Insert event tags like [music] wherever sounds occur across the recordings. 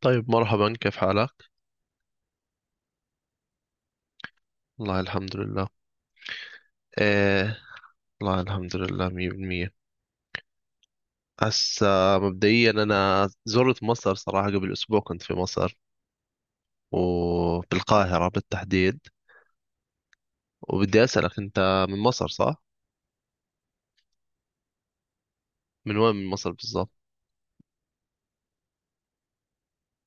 طيب، مرحبا. كيف حالك؟ والله الحمد لله. ايه، والله الحمد لله مية بالمية. هسا مبدئيا أنا زرت مصر، صراحة قبل أسبوع كنت في مصر، وبالقاهرة بالتحديد. وبدي أسألك، أنت من مصر صح؟ من وين من مصر بالضبط؟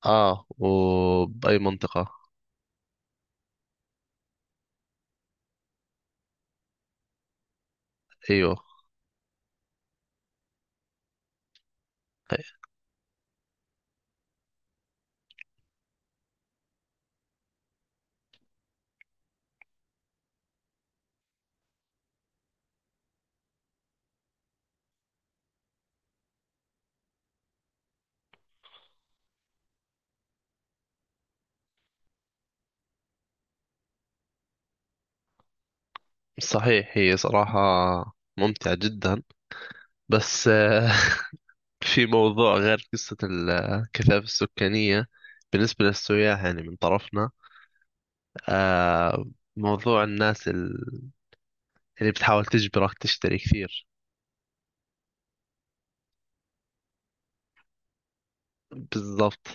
آه، وبأي منطقة؟ أيوه. صحيح، هي صراحة ممتعة جدا. بس [laughs] في موضوع غير قصة الكثافة السكانية، بالنسبة للسياح يعني من طرفنا. آه موضوع الناس اللي بتحاول تجبرك تشتري كثير. بالضبط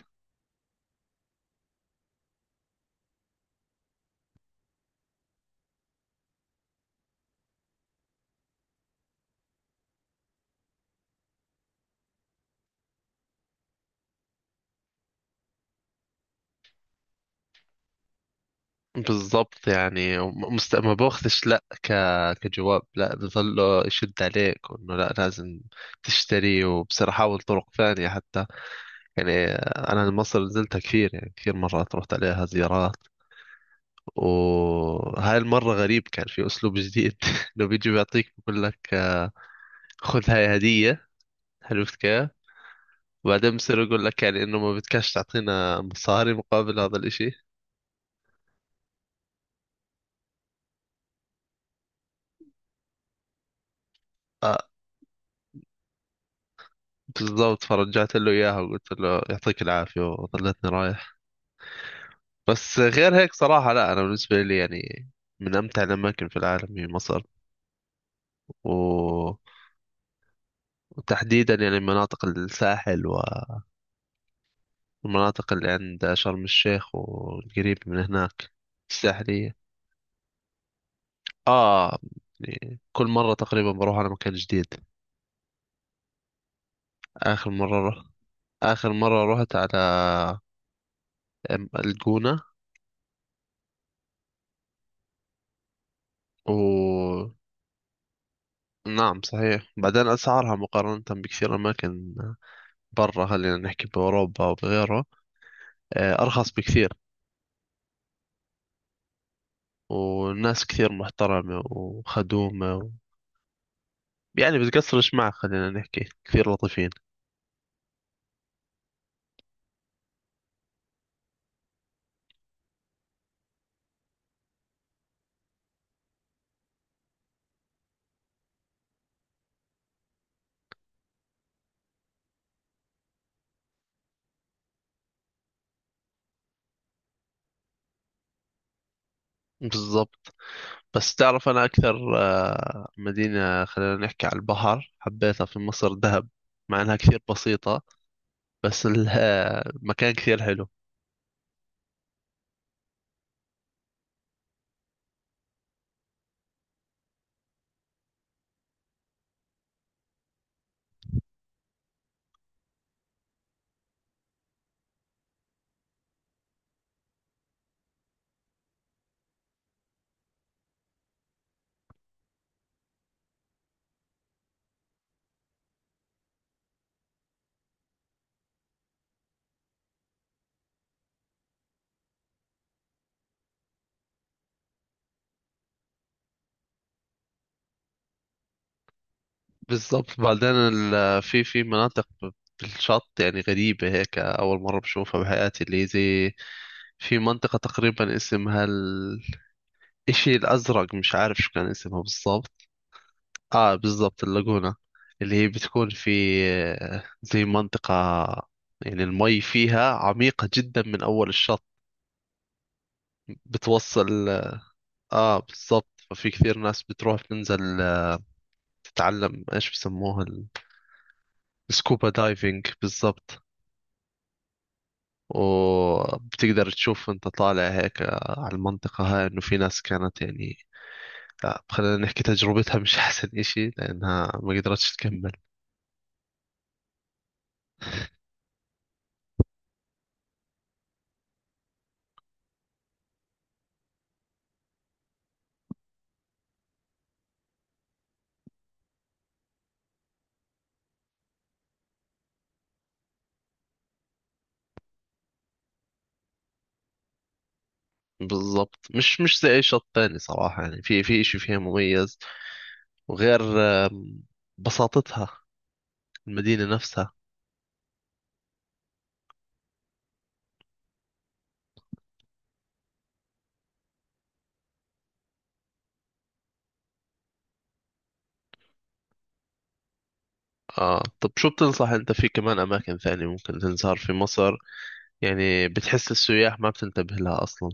بالضبط يعني، ما باخذش لا كجواب. لا، بظله يشد عليك وانه لا، لازم تشتري، وبصير احاول طرق ثانية حتى يعني. انا مصر نزلتها كثير، يعني كثير مرات رحت عليها زيارات. وهاي المرة غريب، كان في اسلوب جديد [laughs] لو بيجي بيعطيك بقول لك خذ هاي هدية، عرفت كيف؟ وبعدين بصير يقول لك يعني انه ما بدكش تعطينا مصاري مقابل هذا الاشي. آه بالضبط. فرجعت له اياها وقلت له يعطيك العافية وظلتني رايح. بس غير هيك صراحة، لا انا بالنسبة لي يعني، من امتع الاماكن في العالم هي مصر. و... وتحديدا يعني مناطق الساحل، والمناطق اللي عند شرم الشيخ والقريب من هناك، الساحلية. اه، يعني كل مرة تقريبا بروح على مكان جديد. اخر مرة رحت، آخر مرة رحت على الجونة و نعم صحيح. بعدين أسعارها مقارنة بكثير أماكن برا، خلينا نحكي بأوروبا أو بغيره، أرخص بكثير. والناس كثير محترمة وخدومة يعني بتقصرش معك، خلينا نحكي كثير لطيفين. بالضبط. بس تعرف، أنا أكثر مدينة خلينا نحكي على البحر حبيتها في مصر دهب، مع أنها كثير بسيطة. بس [laughs] مكان كثير حلو. بالظبط. بعدين في مناطق بالشط، يعني غريبة هيك أول مرة بشوفها بحياتي، اللي زي في منطقة تقريبا اسمها الإشي الأزرق، مش عارف شو كان اسمها بالضبط. آه بالضبط، اللاجونة. اللي هي بتكون في زي منطقة يعني، المي فيها عميقة جدا من أول الشط بتوصل. آه بالضبط. ففي كثير ناس بتروح تنزل تتعلم إيش بسموها، السكوبا دايفنج. بالضبط. وبتقدر تشوف، انت طالع هيك على المنطقة هاي، انه في ناس كانت يعني، لا، خلينا نحكي تجربتها مش [laughs] احسن اشي لانها ما قدرتش تكمل. بالضبط. مش زي اي شط تاني صراحة، يعني في اشي فيها مميز، وغير آم، بساطتها، المدينة نفسها. آه طب، شو بتنصح انت في كمان اماكن ثانية ممكن تنزار في مصر؟ يعني بتحس السياح ما بتنتبه لها اصلا.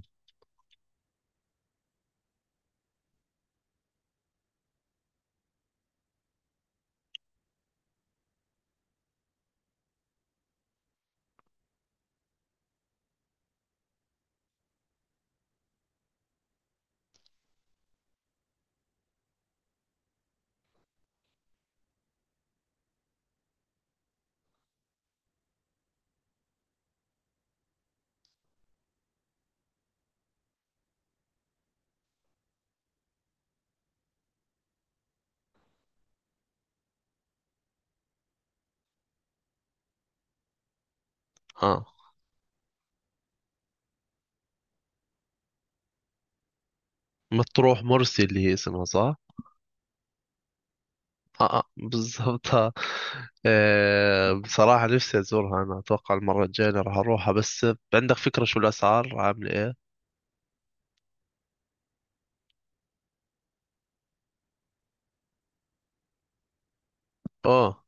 اه، مطروح، مرسي اللي هي اسمها صح؟ [laughs] بالضبط آه. بصراحة نفسي أزورها، أنا أتوقع المرة الجاية راح أروحها. بس عندك فكرة شو الأسعار عاملة إيه؟ أوه.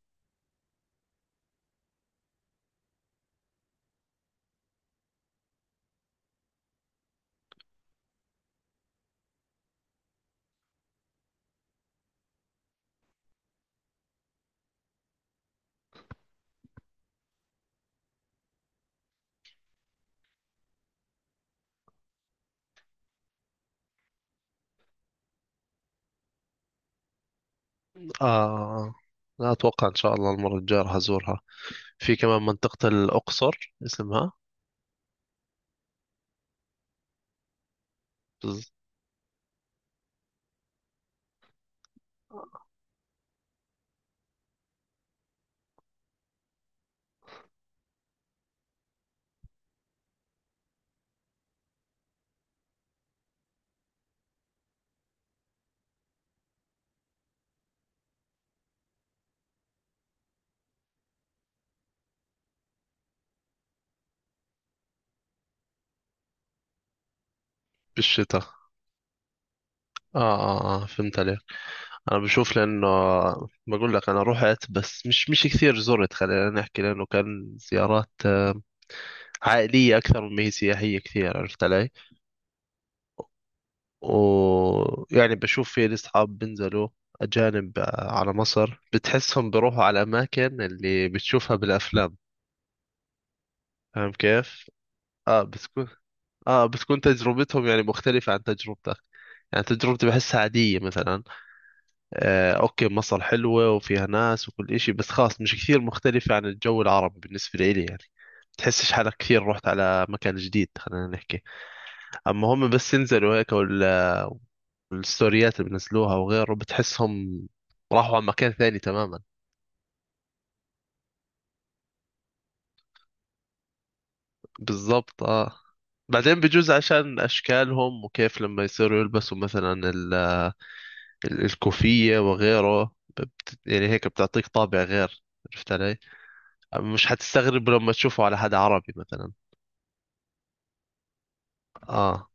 آه لا، أتوقع إن شاء الله المرة الجاية راح أزورها. في كمان منطقة الأقصر اسمها. بز- بالشتاء. آه، فهمت عليك. أنا بشوف لأنه، بقول لك أنا رحت بس مش كثير زرت، خلينا نحكي لأنه كان زيارات عائلية أكثر مما هي سياحية كثير، عرفت علي؟ ويعني بشوف في لي أصحاب بينزلوا أجانب على مصر، بتحسهم بيروحوا على الأماكن اللي بتشوفها بالأفلام، فاهم كيف؟ آه بتكون بتكون تجربتهم يعني مختلفة عن تجربتك. يعني تجربتي بحسها عادية مثلا، آه أوكي مصر حلوة وفيها ناس وكل إشي، بس خلاص مش كثير مختلفة عن الجو العربي بالنسبة لي يعني. بتحسش حالك كثير رحت على مكان جديد، خلينا نحكي. أما هم بس ينزلوا هيك، الستوريات اللي بنزلوها وغيره، بتحسهم راحوا على مكان ثاني تماما. بالضبط اه. بعدين بجوز عشان اشكالهم، وكيف لما يصيروا يلبسوا مثلا الكوفية وغيره، يعني هيك بتعطيك طابع غير، عرفت علي؟ مش حتستغرب لما تشوفه على حد عربي مثلا. اه.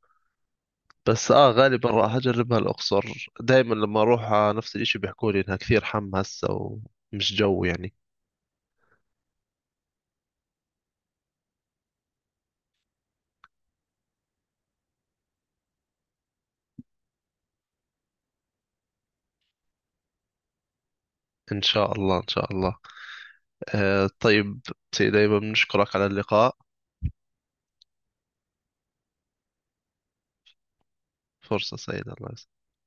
بس اه غالبا راح اجربها الاقصر، دائما لما اروح نفس الاشي بيحكوا لي انها كثير حم هسه ومش جو يعني. ان شاء الله ان شاء الله. طيب، سيدي أيمن نشكرك على اللقاء. فرصة سعيدة، الله يسعدك.